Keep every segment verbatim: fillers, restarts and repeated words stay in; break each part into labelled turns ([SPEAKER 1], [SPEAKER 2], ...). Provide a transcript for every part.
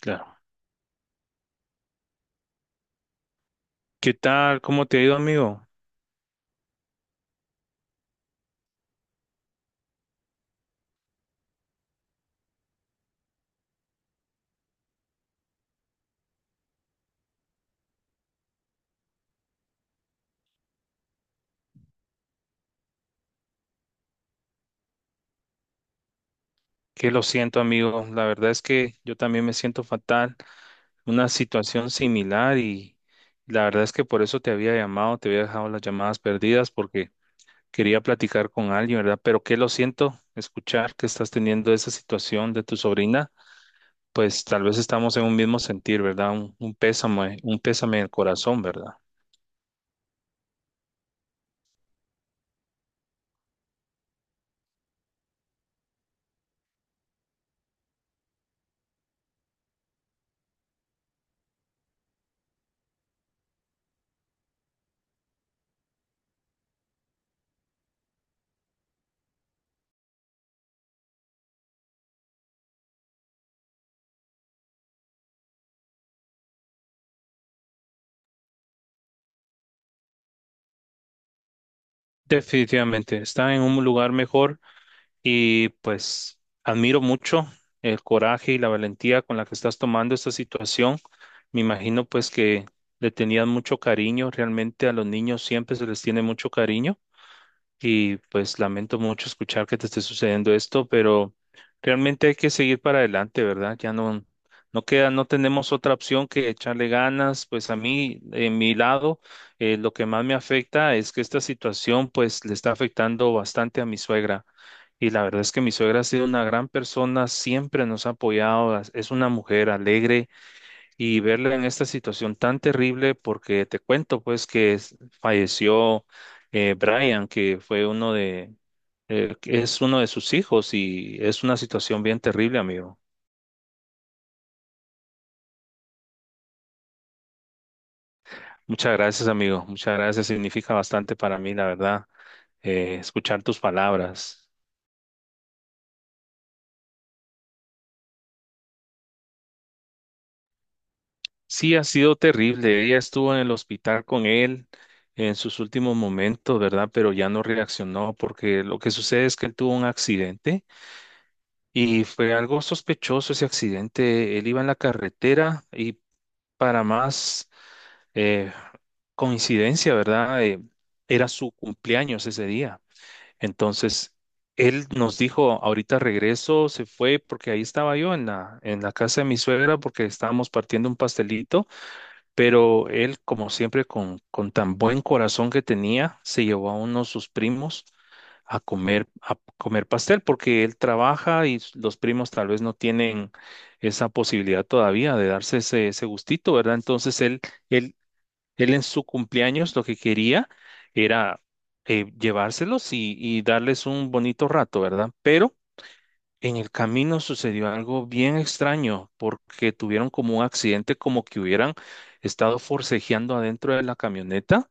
[SPEAKER 1] Claro. ¿Qué tal? ¿Cómo te ha ido, amigo? Que lo siento, amigo. La verdad es que yo también me siento fatal. Una situación similar y la verdad es que por eso te había llamado, te había dejado las llamadas perdidas porque quería platicar con alguien, ¿verdad? Pero que lo siento escuchar que estás teniendo esa situación de tu sobrina. Pues tal vez estamos en un mismo sentir, ¿verdad? Un, un pésame, un pésame en el corazón, ¿verdad? Definitivamente, está en un lugar mejor. Y pues admiro mucho el coraje y la valentía con la que estás tomando esta situación. Me imagino pues que le tenían mucho cariño. Realmente a los niños siempre se les tiene mucho cariño y pues lamento mucho escuchar que te esté sucediendo esto, pero realmente hay que seguir para adelante, ¿verdad? Ya no, no queda, no tenemos otra opción que echarle ganas. Pues a mí, en mi lado, eh, lo que más me afecta es que esta situación pues le está afectando bastante a mi suegra. Y la verdad es que mi suegra ha sido una gran persona, siempre nos ha apoyado, as- es una mujer alegre y verla en esta situación tan terrible, porque te cuento pues que es- falleció eh, Brian, que fue uno de, eh, que es uno de sus hijos y es una situación bien terrible, amigo. Muchas gracias, amigo. Muchas gracias. Significa bastante para mí, la verdad, eh, escuchar tus palabras. Sí, ha sido terrible. Ella estuvo en el hospital con él en sus últimos momentos, ¿verdad? Pero ya no reaccionó porque lo que sucede es que él tuvo un accidente. Y fue algo sospechoso ese accidente. Él iba en la carretera y para más eh, coincidencia, ¿verdad? Eh, era su cumpleaños ese día. Entonces, él nos dijo, ahorita regreso, se fue porque ahí estaba yo en la, en la casa de mi suegra porque estábamos partiendo un pastelito, pero él, como siempre, con, con tan buen corazón que tenía, se llevó a uno de sus primos a comer, a comer pastel, porque él trabaja y s- los primos tal vez no tienen esa posibilidad todavía de darse ese, ese gustito, ¿verdad? Entonces él, él, él en su cumpleaños lo que quería era eh, llevárselos y, y darles un bonito rato, ¿verdad? Pero en el camino sucedió algo bien extraño porque tuvieron como un accidente, como que hubieran estado forcejeando adentro de la camioneta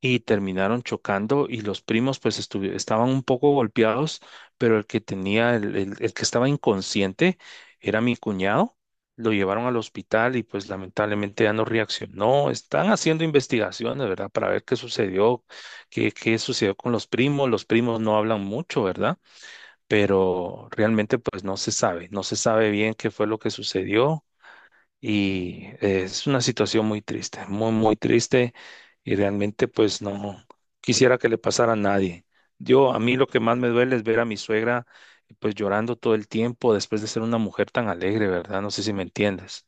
[SPEAKER 1] y terminaron chocando y los primos pues estuvi- estaban un poco golpeados, pero el que tenía, el, el- el que estaba inconsciente era mi cuñado. Lo llevaron al hospital y pues lamentablemente ya no reaccionó. Están haciendo investigaciones, ¿verdad? Para ver qué sucedió, qué, qué sucedió con los primos. Los primos no hablan mucho, ¿verdad? Pero realmente pues no se sabe, no se sabe bien qué fue lo que sucedió y eh, es una situación muy triste, muy, muy triste y realmente pues no quisiera que le pasara a nadie. Yo, a mí lo que más me duele es ver a mi suegra pues llorando todo el tiempo después de ser una mujer tan alegre, ¿verdad? No sé si me entiendes.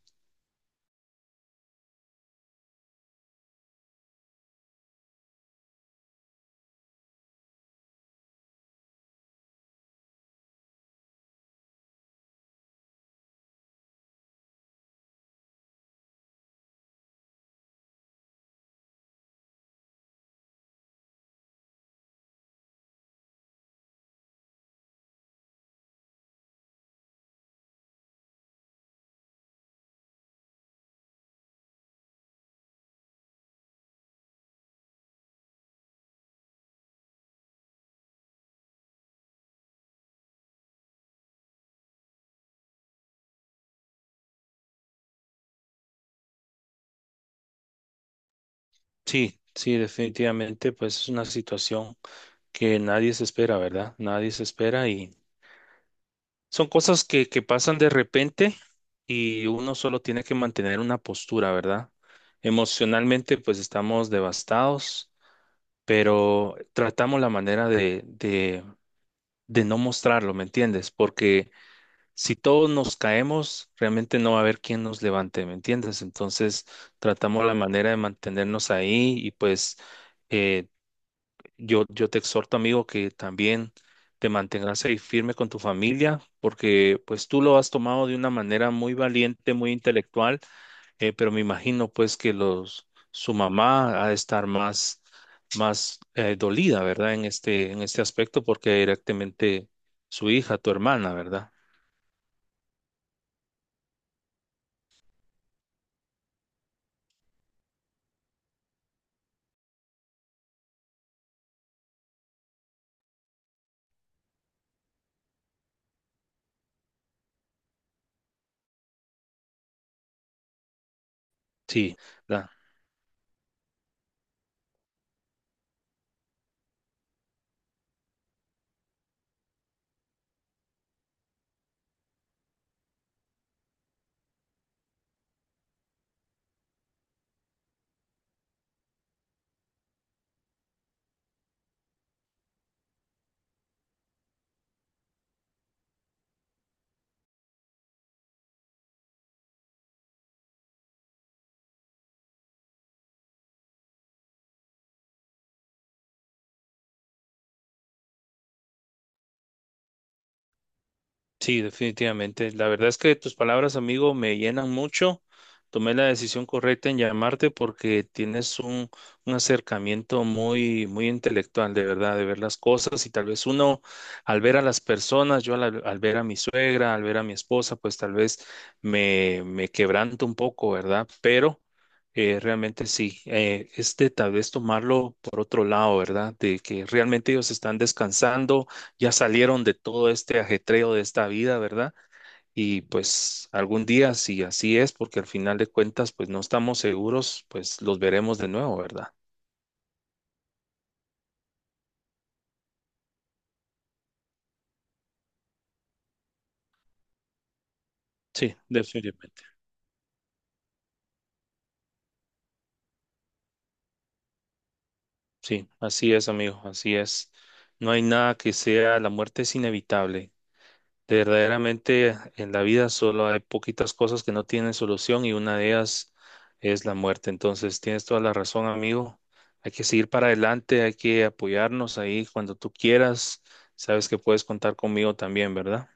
[SPEAKER 1] Sí, sí, definitivamente pues es una situación que nadie se espera, ¿verdad? Nadie se espera y son cosas que, que pasan de repente y uno solo tiene que mantener una postura, ¿verdad? Emocionalmente, pues estamos devastados, pero tratamos la manera de, de, de no mostrarlo, ¿me entiendes? Porque si todos nos caemos, realmente no va a haber quien nos levante, ¿me entiendes? Entonces, tratamos la manera de mantenernos ahí y pues... eh, yo, yo te exhorto, amigo, que también te mantengas ahí firme con tu familia, porque pues tú lo has tomado de una manera muy valiente, muy intelectual, eh, pero me imagino pues que los, su mamá ha de estar más, más eh, dolida, ¿verdad? En este, en este aspecto, porque directamente su hija, tu hermana, ¿verdad? Sí, sí, definitivamente. La verdad es que tus palabras, amigo, me llenan mucho. Tomé la decisión correcta en llamarte porque tienes un, un acercamiento muy, muy intelectual, de verdad, de ver las cosas. Y tal vez uno, al ver a las personas, yo al, al ver a mi suegra, al ver a mi esposa, pues tal vez me, me quebranto un poco, ¿verdad? Pero eh, realmente sí, eh, es de tal vez tomarlo por otro lado, ¿verdad? De que realmente ellos están descansando, ya salieron de todo este ajetreo de esta vida, ¿verdad? Y pues algún día, si así es, porque al final de cuentas, pues no estamos seguros, pues los veremos de nuevo, ¿verdad? Sí, definitivamente. Sí, así es, amigo, así es. No hay nada que sea, la muerte es inevitable. Verdaderamente en la vida solo hay poquitas cosas que no tienen solución y una de ellas es la muerte. Entonces tienes toda la razón, amigo. Hay que seguir para adelante, hay que apoyarnos ahí cuando tú quieras. Sabes que puedes contar conmigo también, ¿verdad?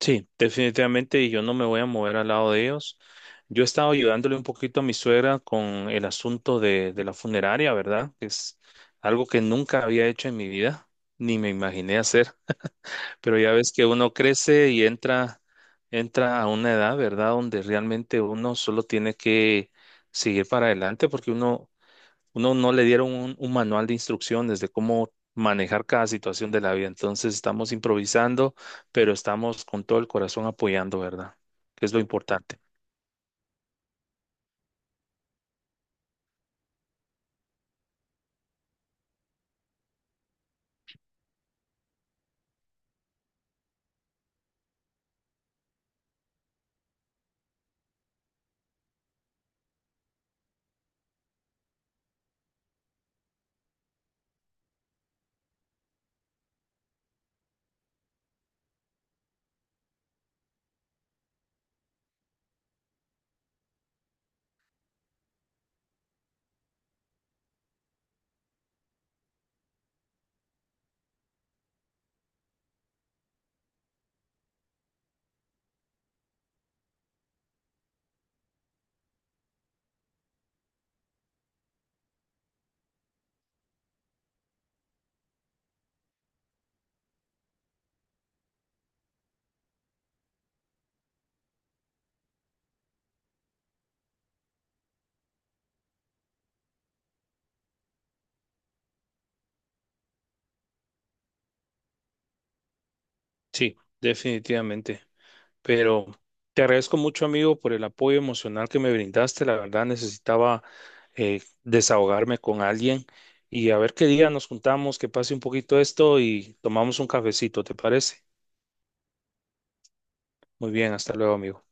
[SPEAKER 1] Sí, definitivamente y yo no me voy a mover al lado de ellos. Yo he estado ayudándole un poquito a mi suegra con el asunto de, de la funeraria, ¿verdad? Es algo que nunca había hecho en mi vida, ni me imaginé hacer. Pero ya ves que uno crece y entra, entra a una edad, ¿verdad? Donde realmente uno solo tiene que seguir para adelante porque uno, uno no le dieron un, un manual de instrucciones de cómo manejar cada situación de la vida. Entonces estamos improvisando, pero estamos con todo el corazón apoyando, ¿verdad? Que es lo importante. Sí, definitivamente. Pero te agradezco mucho, amigo, por el apoyo emocional que me brindaste. La verdad, necesitaba eh, desahogarme con alguien y a ver qué día nos juntamos, que pase un poquito esto y tomamos un cafecito, ¿te parece? Muy bien, hasta luego, amigo.